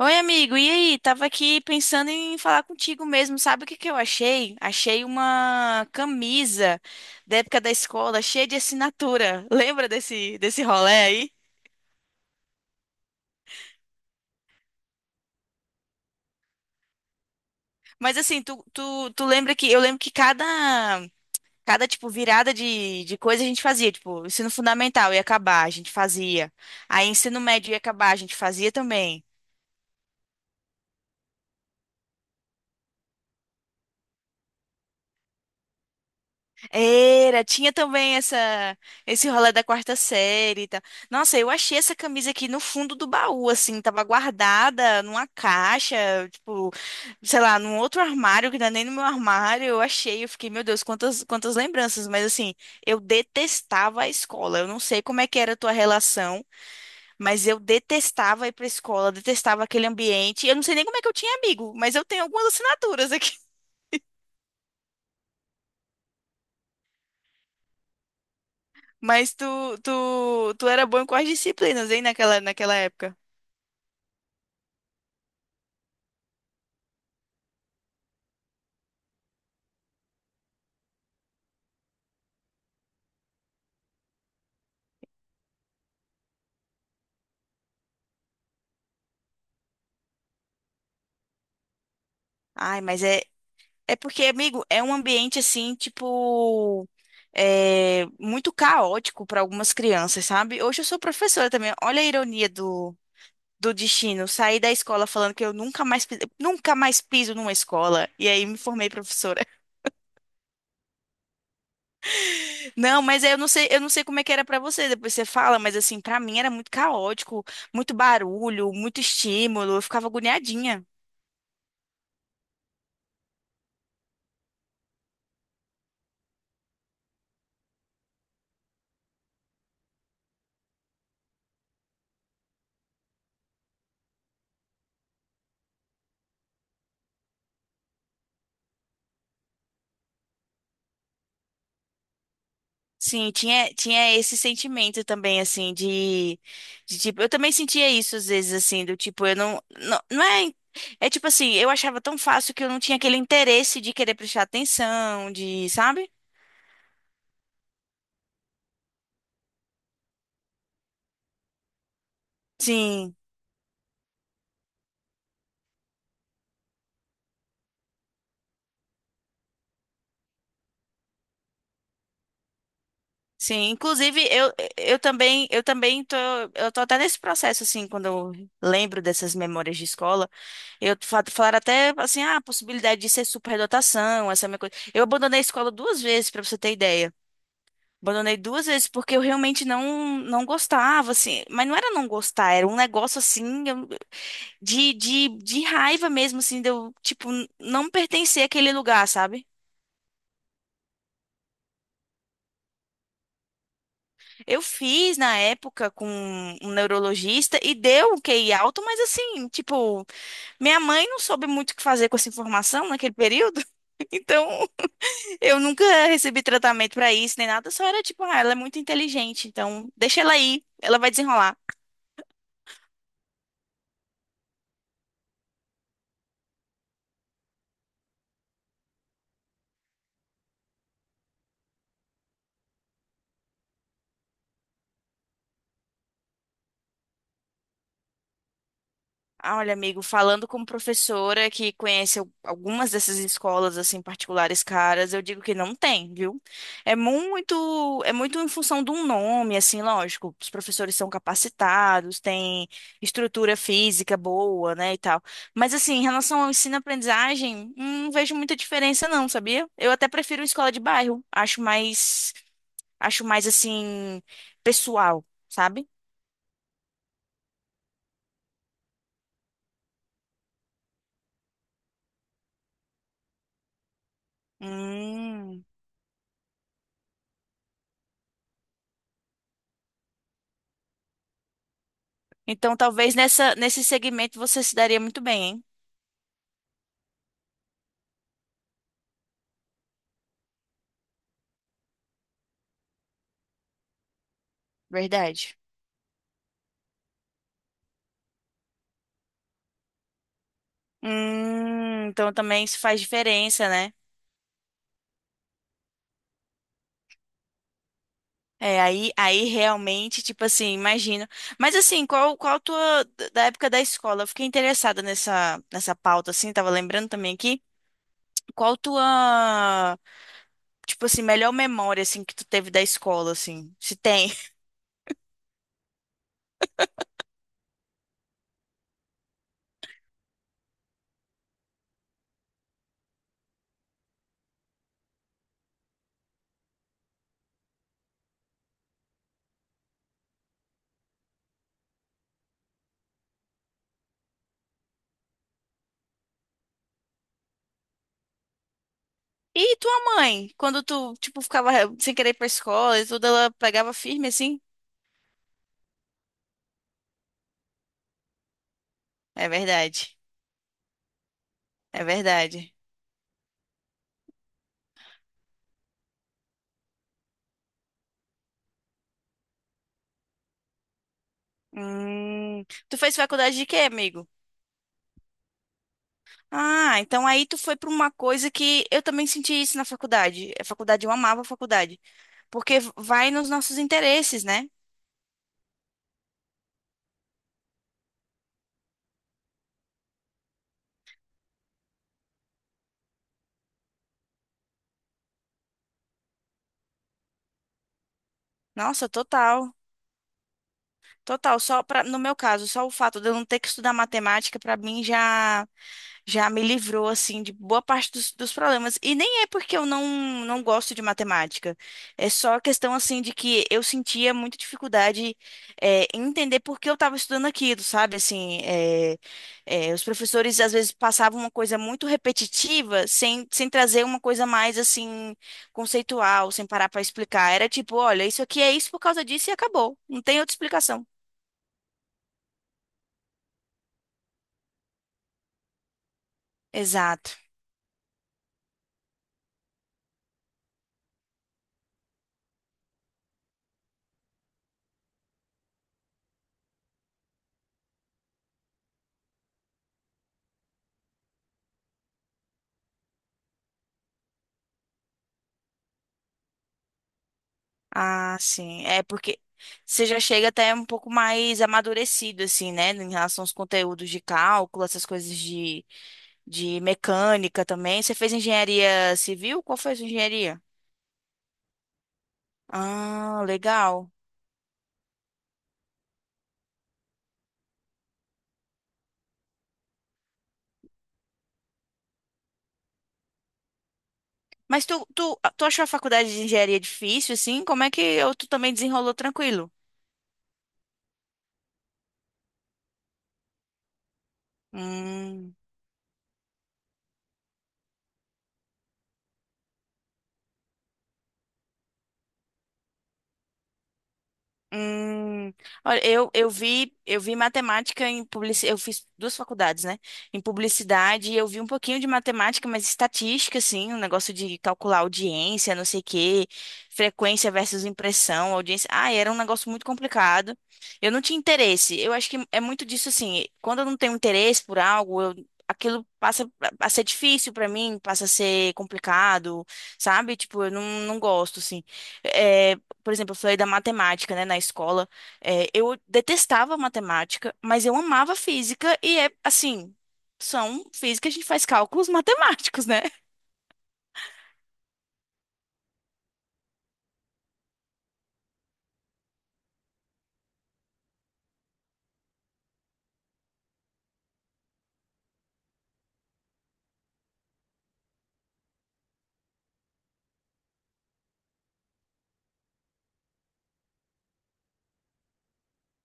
Oi, amigo. E aí? Tava aqui pensando em falar contigo mesmo. Sabe o que que eu achei? Achei uma camisa da época da escola, cheia de assinatura. Lembra desse rolê aí? Mas assim, tu lembra que eu lembro que cada tipo virada de coisa a gente fazia, tipo, ensino fundamental ia acabar, a gente fazia. Aí ensino médio ia acabar, a gente fazia também. Era, tinha também essa esse rolê da quarta série e tal. Nossa, eu achei essa camisa aqui no fundo do baú, assim, tava guardada numa caixa, tipo, sei lá, num outro armário, que não é nem no meu armário, eu achei, eu fiquei, meu Deus, quantas, quantas lembranças, mas assim, eu detestava a escola. Eu não sei como é que era a tua relação, mas eu detestava ir pra escola, detestava aquele ambiente. Eu não sei nem como é que eu tinha amigo, mas eu tenho algumas assinaturas aqui. Mas tu era bom em quais disciplinas, hein, naquela época? Ai, mas é, é porque, amigo, é um ambiente assim, tipo, é, muito caótico para algumas crianças, sabe? Hoje eu sou professora também. Olha a ironia do destino. Saí da escola falando que eu nunca mais, nunca mais piso numa escola. E aí me formei professora. Não, mas eu não sei como é que era para você, depois você fala, mas assim, para mim era muito caótico, muito barulho, muito estímulo. Eu ficava agoniadinha. Sim, tinha esse sentimento também, assim, de, tipo, eu também sentia isso às vezes, assim, do tipo, eu não, não, não é, é tipo assim, eu achava tão fácil que eu não tinha aquele interesse de querer prestar atenção, de, sabe? Sim, sim, inclusive eu também tô, eu tô até nesse processo, assim, quando eu lembro dessas memórias de escola, eu falaram até, assim, ah, a possibilidade de ser superdotação, essa é a minha coisa, eu abandonei a escola duas vezes, pra você ter ideia. Abandonei duas vezes porque eu realmente não gostava, assim. Mas não era não gostar, era um negócio assim de raiva mesmo, assim, de eu, tipo, não pertencer àquele lugar, sabe? Eu fiz na época com um neurologista e deu um QI alto, mas assim, tipo, minha mãe não soube muito o que fazer com essa informação naquele período. Então, eu nunca recebi tratamento pra isso nem nada, só era tipo, ah, ela é muito inteligente, então deixa ela aí, ela vai desenrolar. Ah, olha, amigo, falando como professora que conhece algumas dessas escolas assim particulares caras, eu digo que não tem, viu? É muito em função de um nome, assim, lógico. Os professores são capacitados, têm estrutura física boa, né, e tal. Mas assim, em relação ao ensino-aprendizagem, não vejo muita diferença, não, sabia? Eu até prefiro escola de bairro. Acho mais assim pessoal, sabe? Hum. Então, Talvez nesse segmento você se daria muito bem, hein? Verdade. Então também isso faz diferença, né? É, aí realmente, tipo assim, imagino. Mas assim, qual, qual a tua, da época da escola? Eu fiquei interessada nessa pauta, assim, tava lembrando também aqui. Qual a tua, tipo assim, melhor memória, assim, que tu teve da escola, assim, se tem? E tua mãe, quando tu, tipo, ficava sem querer ir pra escola e tudo, ela pegava firme, assim? É verdade, é verdade. Hum, tu fez faculdade de quê, amigo? Ah, então aí tu foi para uma coisa que eu também senti isso na faculdade. A faculdade, eu amava a faculdade, porque vai nos nossos interesses, né? Nossa, total. Total, só para no meu caso, só o fato de eu não ter que estudar matemática para mim já me livrou assim de boa parte dos problemas. E nem é porque eu não gosto de matemática. É só questão assim de que eu sentia muita dificuldade em entender por que eu estava estudando aquilo, sabe? Assim, os professores às vezes passavam uma coisa muito repetitiva sem trazer uma coisa mais assim conceitual, sem parar para explicar. Era tipo, olha, isso aqui é isso por causa disso e acabou. Não tem outra explicação. Exato. Ah, sim. É porque você já chega até um pouco mais amadurecido, assim, né? Em relação aos conteúdos de cálculo, essas coisas de mecânica também. Você fez engenharia civil? Qual foi a sua engenharia? Ah, legal. Mas tu achou a faculdade de engenharia difícil, assim? Como é que ou tu também desenrolou tranquilo? Hum. Hum, olha, eu vi matemática em publicidade, eu fiz duas faculdades, né? Em publicidade, eu vi um pouquinho de matemática, mas estatística, assim, um negócio de calcular audiência, não sei o quê, frequência versus impressão, audiência. Ah, era um negócio muito complicado. Eu não tinha interesse. Eu acho que é muito disso, assim, quando eu não tenho interesse por algo, aquilo passa a ser difícil pra mim, passa a ser complicado, sabe? Tipo, eu não, não gosto, assim. É, por exemplo, eu falei da matemática, né, na escola. É, eu detestava matemática, mas eu amava física e é assim, são física, a gente faz cálculos matemáticos, né?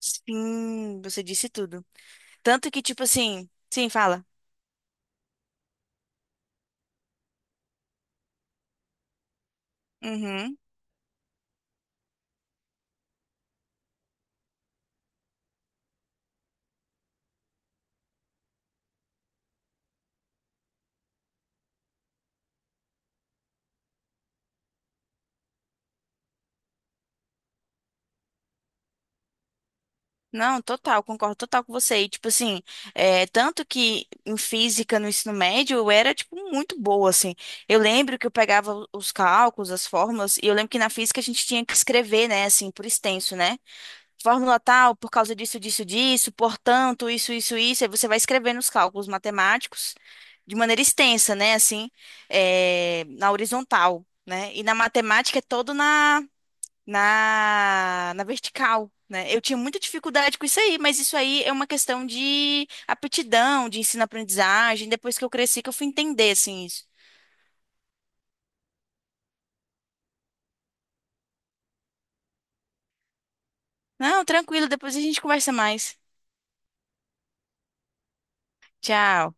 Sim, você disse tudo. Tanto que, tipo assim, sim, fala. Uhum. Não, total, concordo total com você. E, tipo assim, é, tanto que em física no ensino médio eu era, tipo, muito boa, assim. Eu lembro que eu pegava os cálculos, as fórmulas, e eu lembro que na física a gente tinha que escrever, né, assim, por extenso, né? Fórmula tal, por causa disso, disso, disso, portanto, isso, aí você vai escrevendo os cálculos matemáticos de maneira extensa, né, assim, na horizontal, né, e na matemática é todo na, na vertical. Né? Eu tinha muita dificuldade com isso aí, mas isso aí é uma questão de aptidão, de ensino-aprendizagem. Depois que eu cresci, que eu fui entender assim isso. Não, tranquilo, depois a gente conversa mais. Tchau.